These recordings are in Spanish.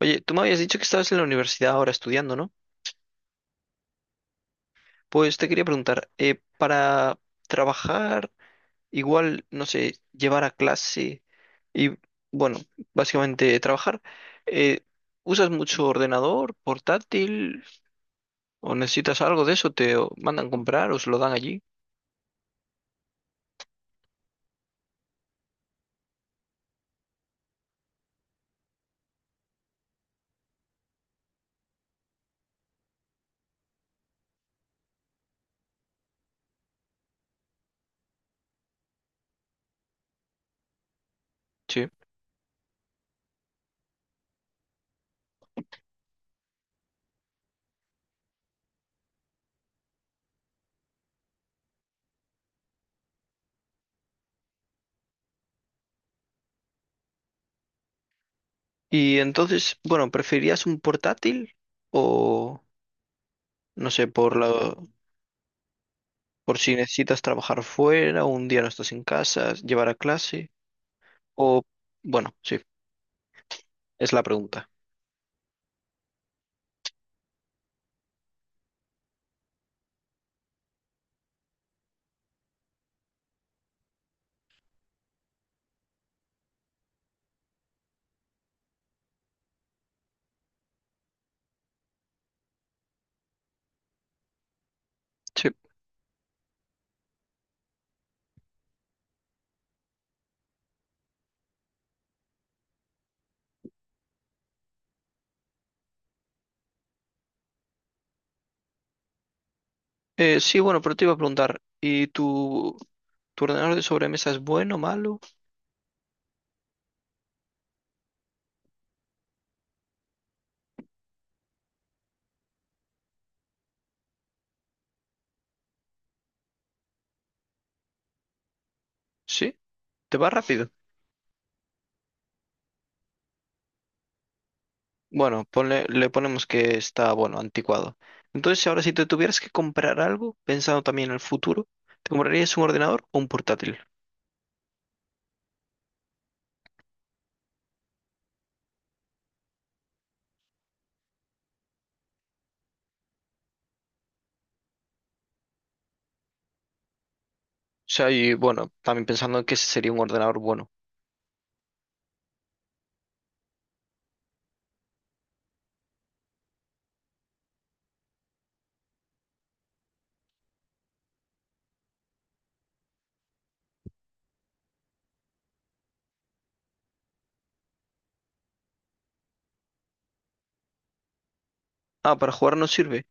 Oye, tú me habías dicho que estabas en la universidad ahora estudiando, ¿no? Pues te quería preguntar, para trabajar, igual, no sé, llevar a clase y, bueno, básicamente trabajar, eh, ¿usas mucho ordenador, portátil o necesitas algo de eso? ¿Te mandan comprar o se lo dan allí? Sí. Y entonces, bueno, ¿preferirías un portátil o, no sé, por si necesitas trabajar fuera o un día no estás en casa, llevar a clase o... Bueno, sí. Es la pregunta. Sí. Sí, bueno, pero te iba a preguntar, ¿y tu ordenador de sobremesa es bueno, malo? Sí, te va rápido. Bueno, le ponemos que está, bueno, anticuado. Entonces, ahora si te tuvieras que comprar algo, pensando también en el futuro, ¿te comprarías un ordenador o un portátil? O sea, y bueno, también pensando en que ese sería un ordenador bueno. Ah, para jugar no sirve.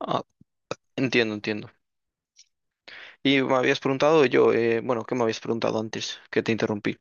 Ah, entiendo, entiendo. Y me habías preguntado yo, bueno, ¿qué me habías preguntado antes? Que te interrumpí.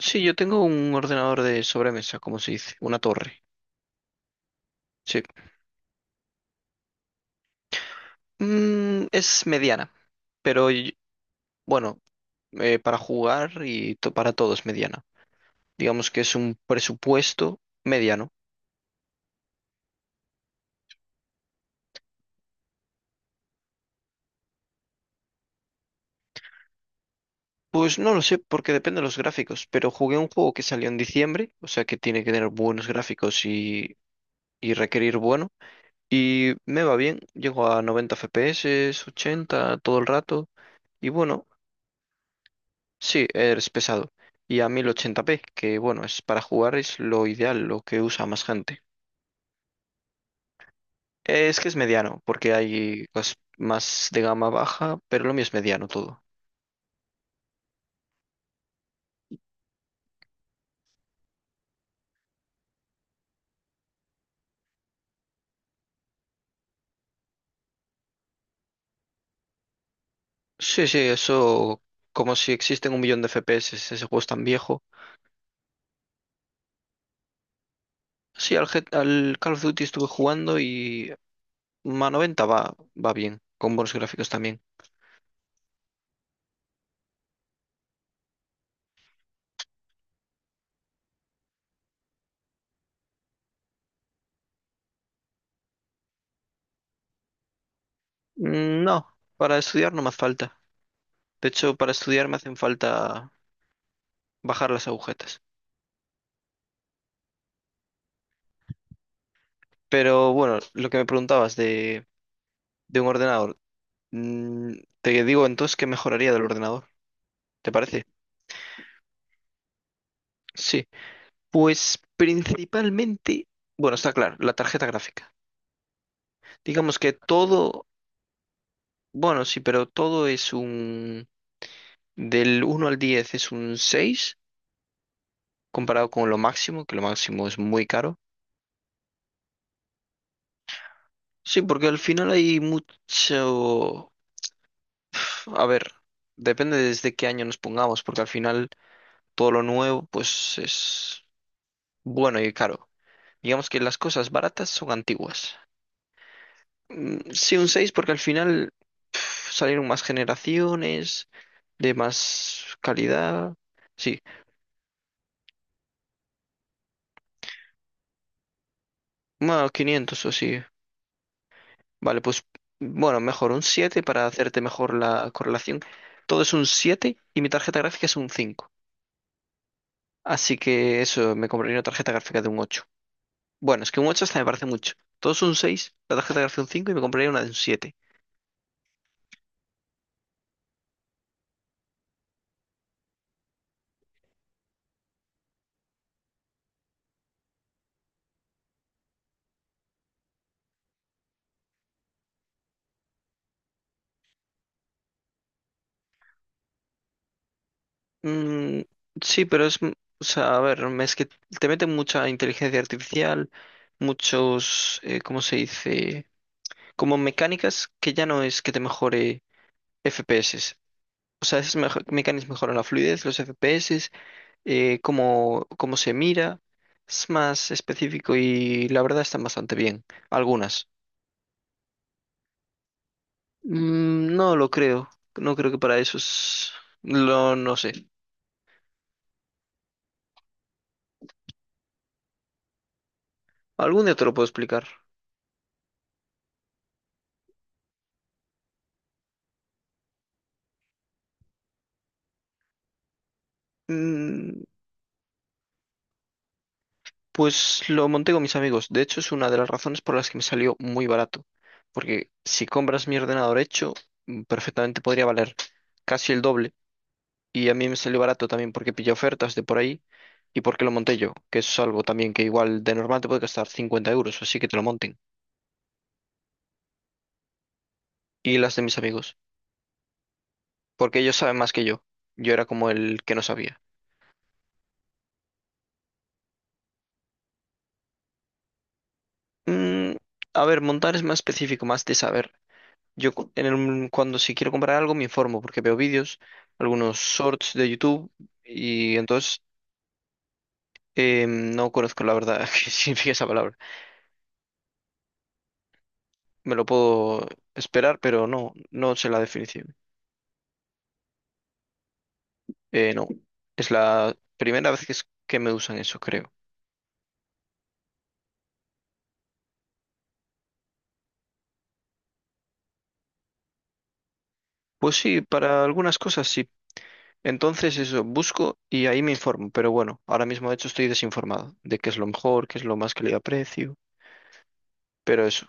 Sí, yo tengo un ordenador de sobremesa, como se dice, una torre. Sí. Es mediana, pero bueno, para jugar y para todo es mediana. Digamos que es un presupuesto mediano. Pues no lo sé, porque depende de los gráficos, pero jugué un juego que salió en diciembre, o sea que tiene que tener buenos gráficos y requerir bueno, y me va bien, llego a 90 FPS, 80 todo el rato, y bueno. Sí, es pesado. Y a 1080p que bueno, es para jugar es lo ideal, lo que usa más gente. Es que es mediano, porque hay cosas más de gama baja, pero lo mío es mediano todo. Sí, sí, eso, como si existen un millón de FPS, ese juego es tan viejo. Sí, al Call of Duty estuve jugando y a 90 va bien, con buenos gráficos también. No, para estudiar no me hace falta. De hecho, para estudiar me hacen falta bajar las agujetas. Pero bueno, lo que me preguntabas de un ordenador. Mm, te digo entonces que mejoraría del ordenador. ¿Te parece? Sí. Pues principalmente, bueno, está claro, la tarjeta gráfica. Digamos que todo, bueno, sí, pero del uno al 10 es un 6 comparado con lo máximo, que lo máximo es muy caro. Sí, porque al final hay mucho, a ver, depende desde qué año nos pongamos, porque al final todo lo nuevo, pues es bueno y caro. Digamos que las cosas baratas son antiguas. Sí, un 6 porque al final uf, salieron más generaciones, de más calidad. Sí, más 500 o sí. Vale, pues bueno, mejor un 7 para hacerte mejor la correlación. Todo es un siete y mi tarjeta gráfica es un cinco. Así que eso, me compraría una tarjeta gráfica de un ocho. Bueno, es que un ocho hasta me parece mucho. Todo es un seis, la tarjeta gráfica un 5 y me compraría una de un siete. Mm, sí, pero o sea, a ver, es que te meten mucha inteligencia artificial, muchos, ¿cómo se dice? Como mecánicas que ya no es que te mejore FPS. O sea, esas mecánicas mejoran la fluidez, los FPS, cómo se mira. Es más específico y la verdad están bastante bien. Algunas. No lo creo. No creo que para eso es... no sé. Algún día te lo puedo explicar. Mm, Pues lo monté con mis amigos. De hecho, es una de las razones por las que me salió muy barato. Porque si compras mi ordenador hecho, perfectamente podría valer casi el doble. Y a mí me salió barato también porque pillé ofertas de por ahí y porque lo monté yo, que es algo también que igual de normal te puede costar 50 euros, así que te lo monten. Y las de mis amigos, porque ellos saben más que yo. Yo era como el que no sabía. Mm, a ver, montar es más específico, más de saber. Yo cuando si quiero comprar algo me informo porque veo vídeos, algunos shorts de YouTube y entonces no conozco la verdad qué significa esa palabra. Me lo puedo esperar, pero no, no sé la definición. No, es la primera vez que, que me usan eso, creo. Pues sí, para algunas cosas sí. Entonces eso, busco y ahí me informo, pero bueno, ahora mismo de hecho estoy desinformado de qué es lo mejor, qué es lo más que le aprecio, pero eso.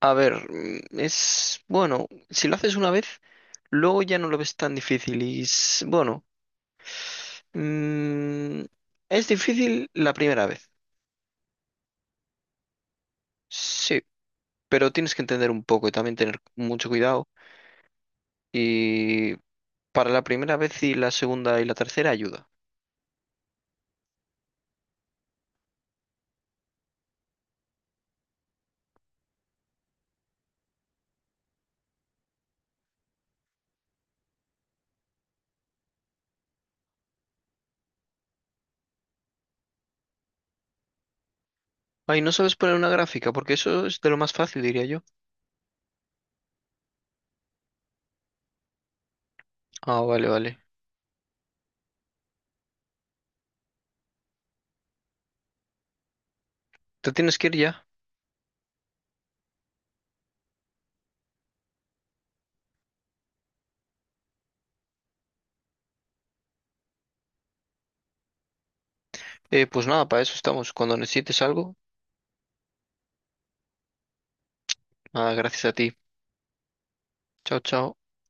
A ver, es bueno, si lo haces una vez. Luego ya no lo ves tan difícil y bueno, mm, es difícil la primera vez, sí, pero tienes que entender un poco y también tener mucho cuidado y para la primera vez y la segunda y la tercera ayuda. Ay, no sabes poner una gráfica porque eso es de lo más fácil, diría yo. Ah, vale, vale. ¿Te tienes que ir ya? Pues nada, para eso estamos. Cuando necesites algo, ah, gracias a ti. Chao, chao.